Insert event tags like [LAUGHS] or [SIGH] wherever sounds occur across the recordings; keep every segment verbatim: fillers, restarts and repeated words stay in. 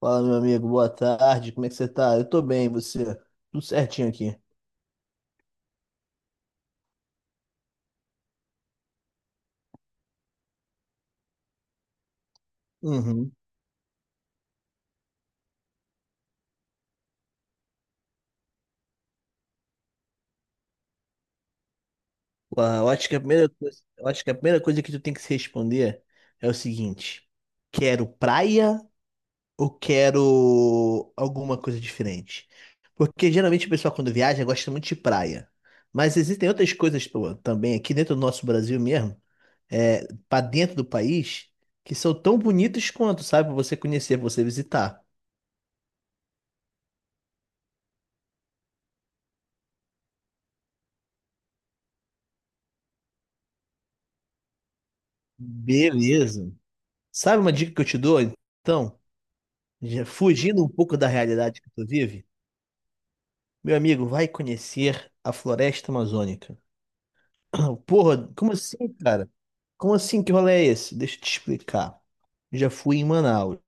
Fala, meu amigo, boa tarde, como é que você tá? Eu tô bem, e você? Tudo certinho aqui. Uhum. Ué, eu acho que a primeira coisa, eu acho que a primeira coisa que tu tem que se responder é o seguinte: quero praia ou quero alguma coisa diferente? Porque geralmente o pessoal quando viaja gosta muito de praia. Mas existem outras coisas pô, também aqui dentro do nosso Brasil mesmo, é, para dentro do país, que são tão bonitas quanto, sabe, pra você conhecer, pra você visitar. Beleza. Sabe uma dica que eu te dou? Então, já fugindo um pouco da realidade que tu vive, meu amigo, vai conhecer a floresta amazônica. [CLEARS THROAT] Porra, como assim, cara? Como assim? Que rolê é esse? Deixa eu te explicar. Eu já fui em Manaus.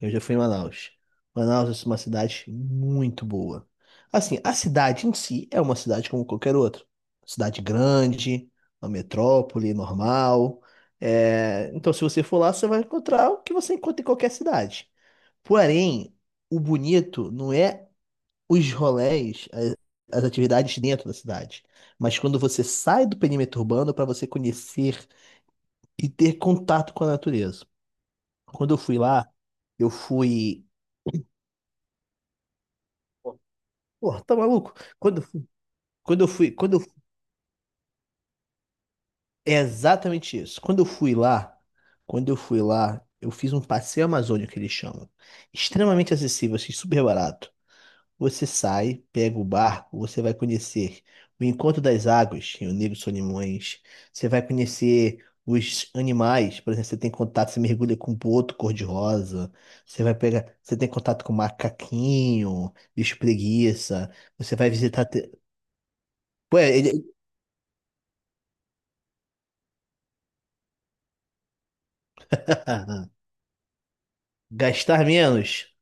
Eu já fui em Manaus. Manaus é uma cidade muito boa. Assim, a cidade em si é uma cidade como qualquer outra. Cidade grande, uma metrópole normal. É, Então, se você for lá, você vai encontrar o que você encontra em qualquer cidade. Porém, o bonito não é os rolés, as, as atividades dentro da cidade, mas quando você sai do perímetro urbano para você conhecer e ter contato com a natureza. Quando eu fui lá, eu fui. Pô, tá maluco? Quando, eu fui- quando eu fui. Quando eu... É exatamente isso. Quando eu fui lá, quando eu fui lá, eu fiz um passeio amazônico que eles chamam. Extremamente acessível, assim, super barato. Você sai, pega o barco, você vai conhecer o Encontro das Águas, em o Negro Solimões. Você vai conhecer os animais, por exemplo, você tem contato, você mergulha com um boto cor-de-rosa. Você vai pegar, você tem contato com macaquinho, bicho preguiça. Você vai visitar. Te- Pô, é, ele... [LAUGHS] Gastar menos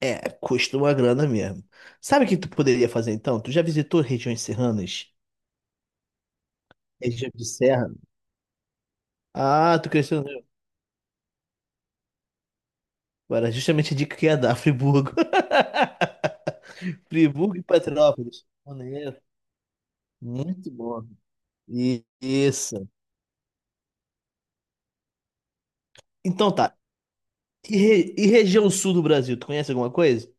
é, custa uma grana mesmo. Sabe o que tu poderia fazer então? Tu já visitou regiões serranas? Região de serra? Ah, tu cresceu. Era justamente a dica que ia dar, Friburgo. [LAUGHS] Friburgo e Petrópolis. Maneiro. Muito bom. I- Isso. Então tá. E, re- e região sul do Brasil, tu conhece alguma coisa?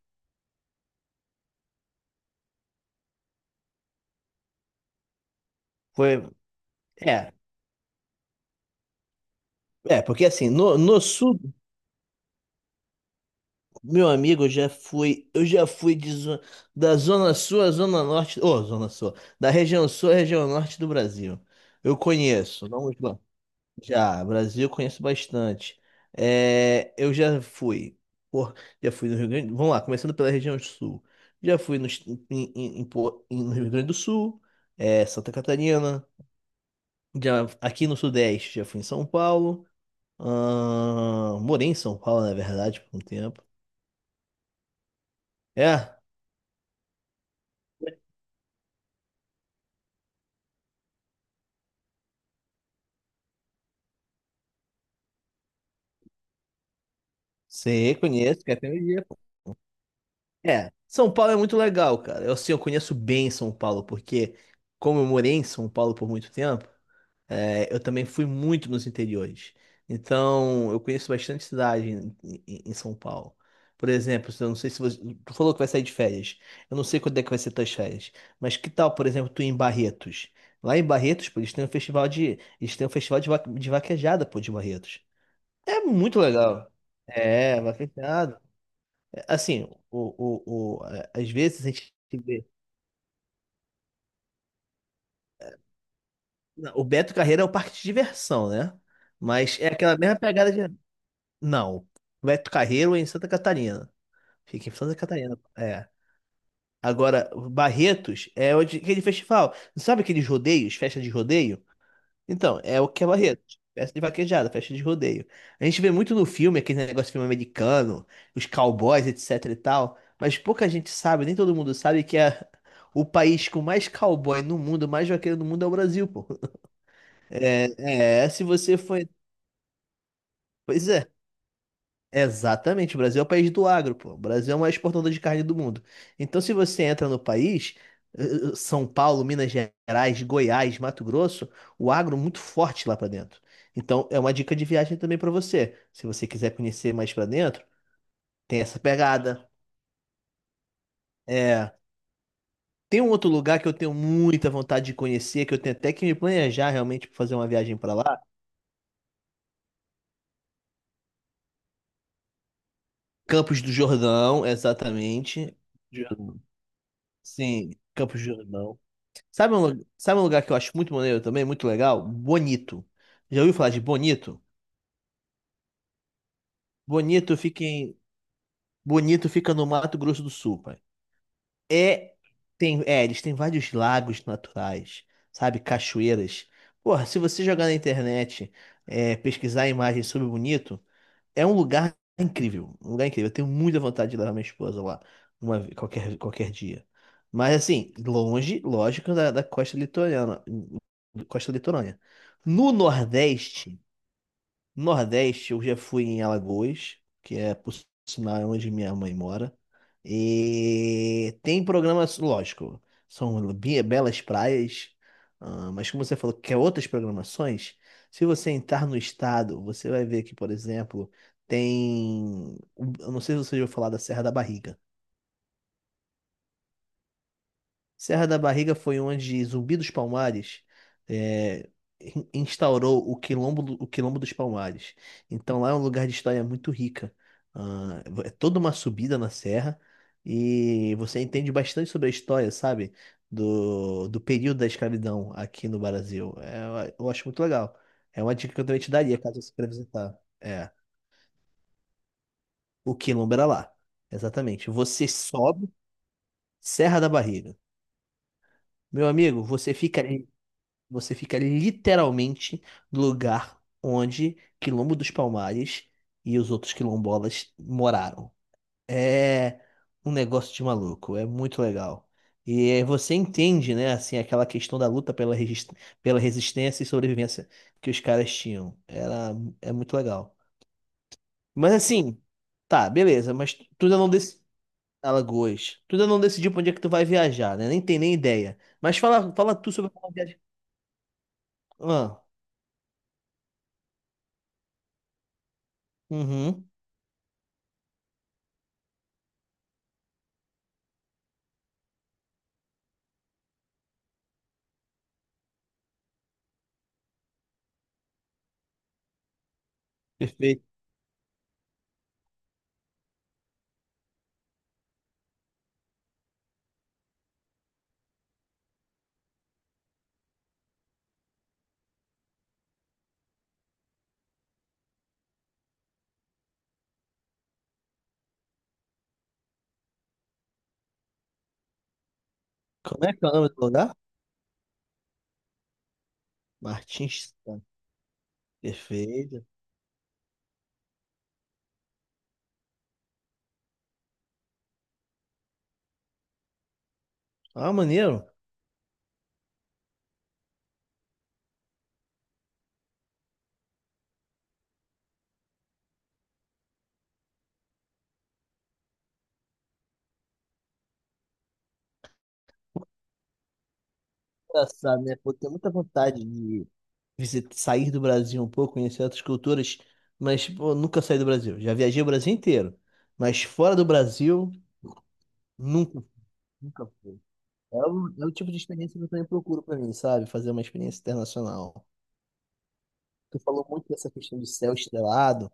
Foi. É. É, porque assim, no, no sul, meu amigo, eu já fui, eu já fui de zo- da zona sul à zona norte, ô, zona sul, da região sul à região norte do Brasil. Eu conheço, não, muito bom. Já, Brasil eu conheço bastante. É, eu já fui. Por, já fui no Rio Grande. Vamos lá, começando pela região sul. Já fui no, est- em- em- em Po- em- no Rio Grande do Sul, é, Santa Catarina. Já, aqui no Sudeste, já fui em São Paulo. ahn, morei em São Paulo, na verdade, por um tempo. É, sei, conheço, que é até um É, São Paulo é muito legal, cara. Eu, assim, eu conheço bem São Paulo, porque como eu morei em São Paulo por muito tempo. É, eu também fui muito nos interiores. Então, eu conheço bastante cidade em, em- em São Paulo. Por exemplo, eu não sei se você. Tu falou que vai sair de férias. Eu não sei quando é que vai ser tuas férias. Mas que tal, por exemplo, tu ir em Barretos? Lá em Barretos, pô, eles têm um festival de. Eles têm um festival de, va- de vaquejada, pô, de Barretos. É muito legal. É, vaquejada. É, assim, o, o, o, a- às vezes a gente vê. Não, o Beto Carreira é o parque de diversão, né? Mas é aquela mesma pegada de. Não. Beto Carreiro é em Santa Catarina. Fica em Santa Catarina. É. Agora, Barretos é onde, aquele festival. Sabe aqueles rodeios, festa de rodeio? Então, é o que é Barretos. Festa de vaquejada, festa de rodeio. A gente vê muito no filme, aquele negócio de filme americano, os cowboys, etc e tal. Mas pouca gente sabe, nem todo mundo sabe que é o país com mais cowboy no mundo, mais vaqueiro no mundo é o Brasil, pô. É, é, se você foi. Pois é. Exatamente, o Brasil é o país do agro, pô. O Brasil é o maior exportador de carne do mundo. Então, se você entra no país, eh, eh, São Paulo, Minas Gerais, Goiás, Mato Grosso, o agro é muito forte lá pra dentro. Então, é uma dica de viagem também pra você. Se você quiser conhecer mais pra dentro, tem essa pegada. É, tem um outro lugar que eu tenho muita vontade de conhecer, que eu tenho até que me planejar realmente para fazer uma viagem pra lá. Campos do Jordão, exatamente. Jordão. Sim, Campos do Jordão. Sabe um, lu- sabe um lugar que eu acho muito maneiro também, muito legal? Bonito. Já ouviu falar de Bonito? Bonito fica em, Bonito fica no Mato Grosso do Sul, pai. É, tem, é, eles têm vários lagos naturais, sabe? Cachoeiras. Porra, se você jogar na internet, é, pesquisar imagens sobre Bonito, é um lugar incrível, um lugar incrível. Eu tenho muita vontade de levar minha esposa lá, uma, ve- qualquer, qualquer dia. Mas assim, longe, lógico, da, da costa litorânea, costa litorânea. No Nordeste, Nordeste, eu já fui em Alagoas, que é, por sinal, é onde minha mãe mora. E tem programas, lógico, são be- belas praias, ah, mas como você falou que quer outras programações, se você entrar no estado, você vai ver que, por exemplo, tem. Eu não sei se você já ouviu falar da Serra da Barriga. Serra da Barriga foi onde Zumbi dos Palmares é, in- instaurou o Quilombo, do- o Quilombo dos Palmares. Então lá é um lugar de história muito rica. Ah, é toda uma subida na serra e você entende bastante sobre a história, sabe? Do, do período da escravidão aqui no Brasil. É, eu acho muito legal. É uma dica que eu também te daria caso você queira visitar. É, o Quilombo era lá. Exatamente. Você sobe Serra da Barriga. Meu amigo, você fica Você fica literalmente no lugar onde Quilombo dos Palmares e os outros quilombolas moraram. É um negócio de maluco, é muito legal. E eh, você entende, né, assim, aquela questão da luta pela, regis- pela resistência e sobrevivência que os caras tinham. Era, é muito legal. Mas assim, tá, beleza, mas tu ainda não decidiu. Alagoas. Tu ainda não decidiu pra onde é que tu vai viajar, né? Nem tem nem ideia. Mas fala, fala tu sobre a viagem. Ah, uhum. Perfeito. Como é que é o nome do lugar? Martins. Tá. Perfeito. Ah, maneiro. Engraçado, né? Pô, tenho muita vontade de visit- sair do Brasil um pouco, conhecer outras culturas, mas pô, nunca saí do Brasil. Já viajei o Brasil inteiro, mas fora do Brasil, nunca, nunca fui. É o, é o tipo de experiência que eu também procuro pra mim, sabe? Fazer uma experiência internacional. Tu falou muito dessa questão do céu estrelado.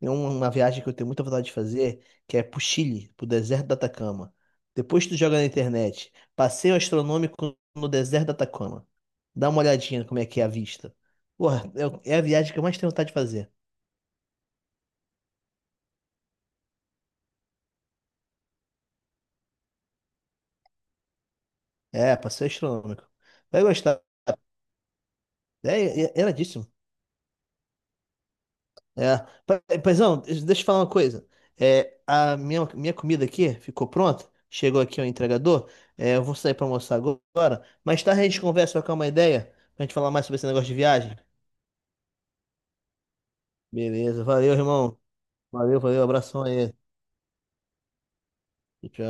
Tem uma, uma viagem que eu tenho muita vontade de fazer, que é pro Chile, pro deserto do Atacama. Depois tu joga na internet, passeio astronômico no deserto do Atacama. Dá uma olhadinha como é que é a vista. Porra, é, é a viagem que eu mais tenho vontade de fazer. É, passeio astronômico. Vai gostar. É, é, é iradíssimo. É. Pa- Paizão, deixa eu falar uma coisa. É, a minha, minha comida aqui ficou pronta. Chegou aqui o entregador. É, eu vou sair pra almoçar agora. Mais tarde a gente conversa, trocar uma ideia, pra gente falar mais sobre esse negócio de viagem. Beleza. Valeu, irmão. Valeu, valeu. Abração aí. Tchau.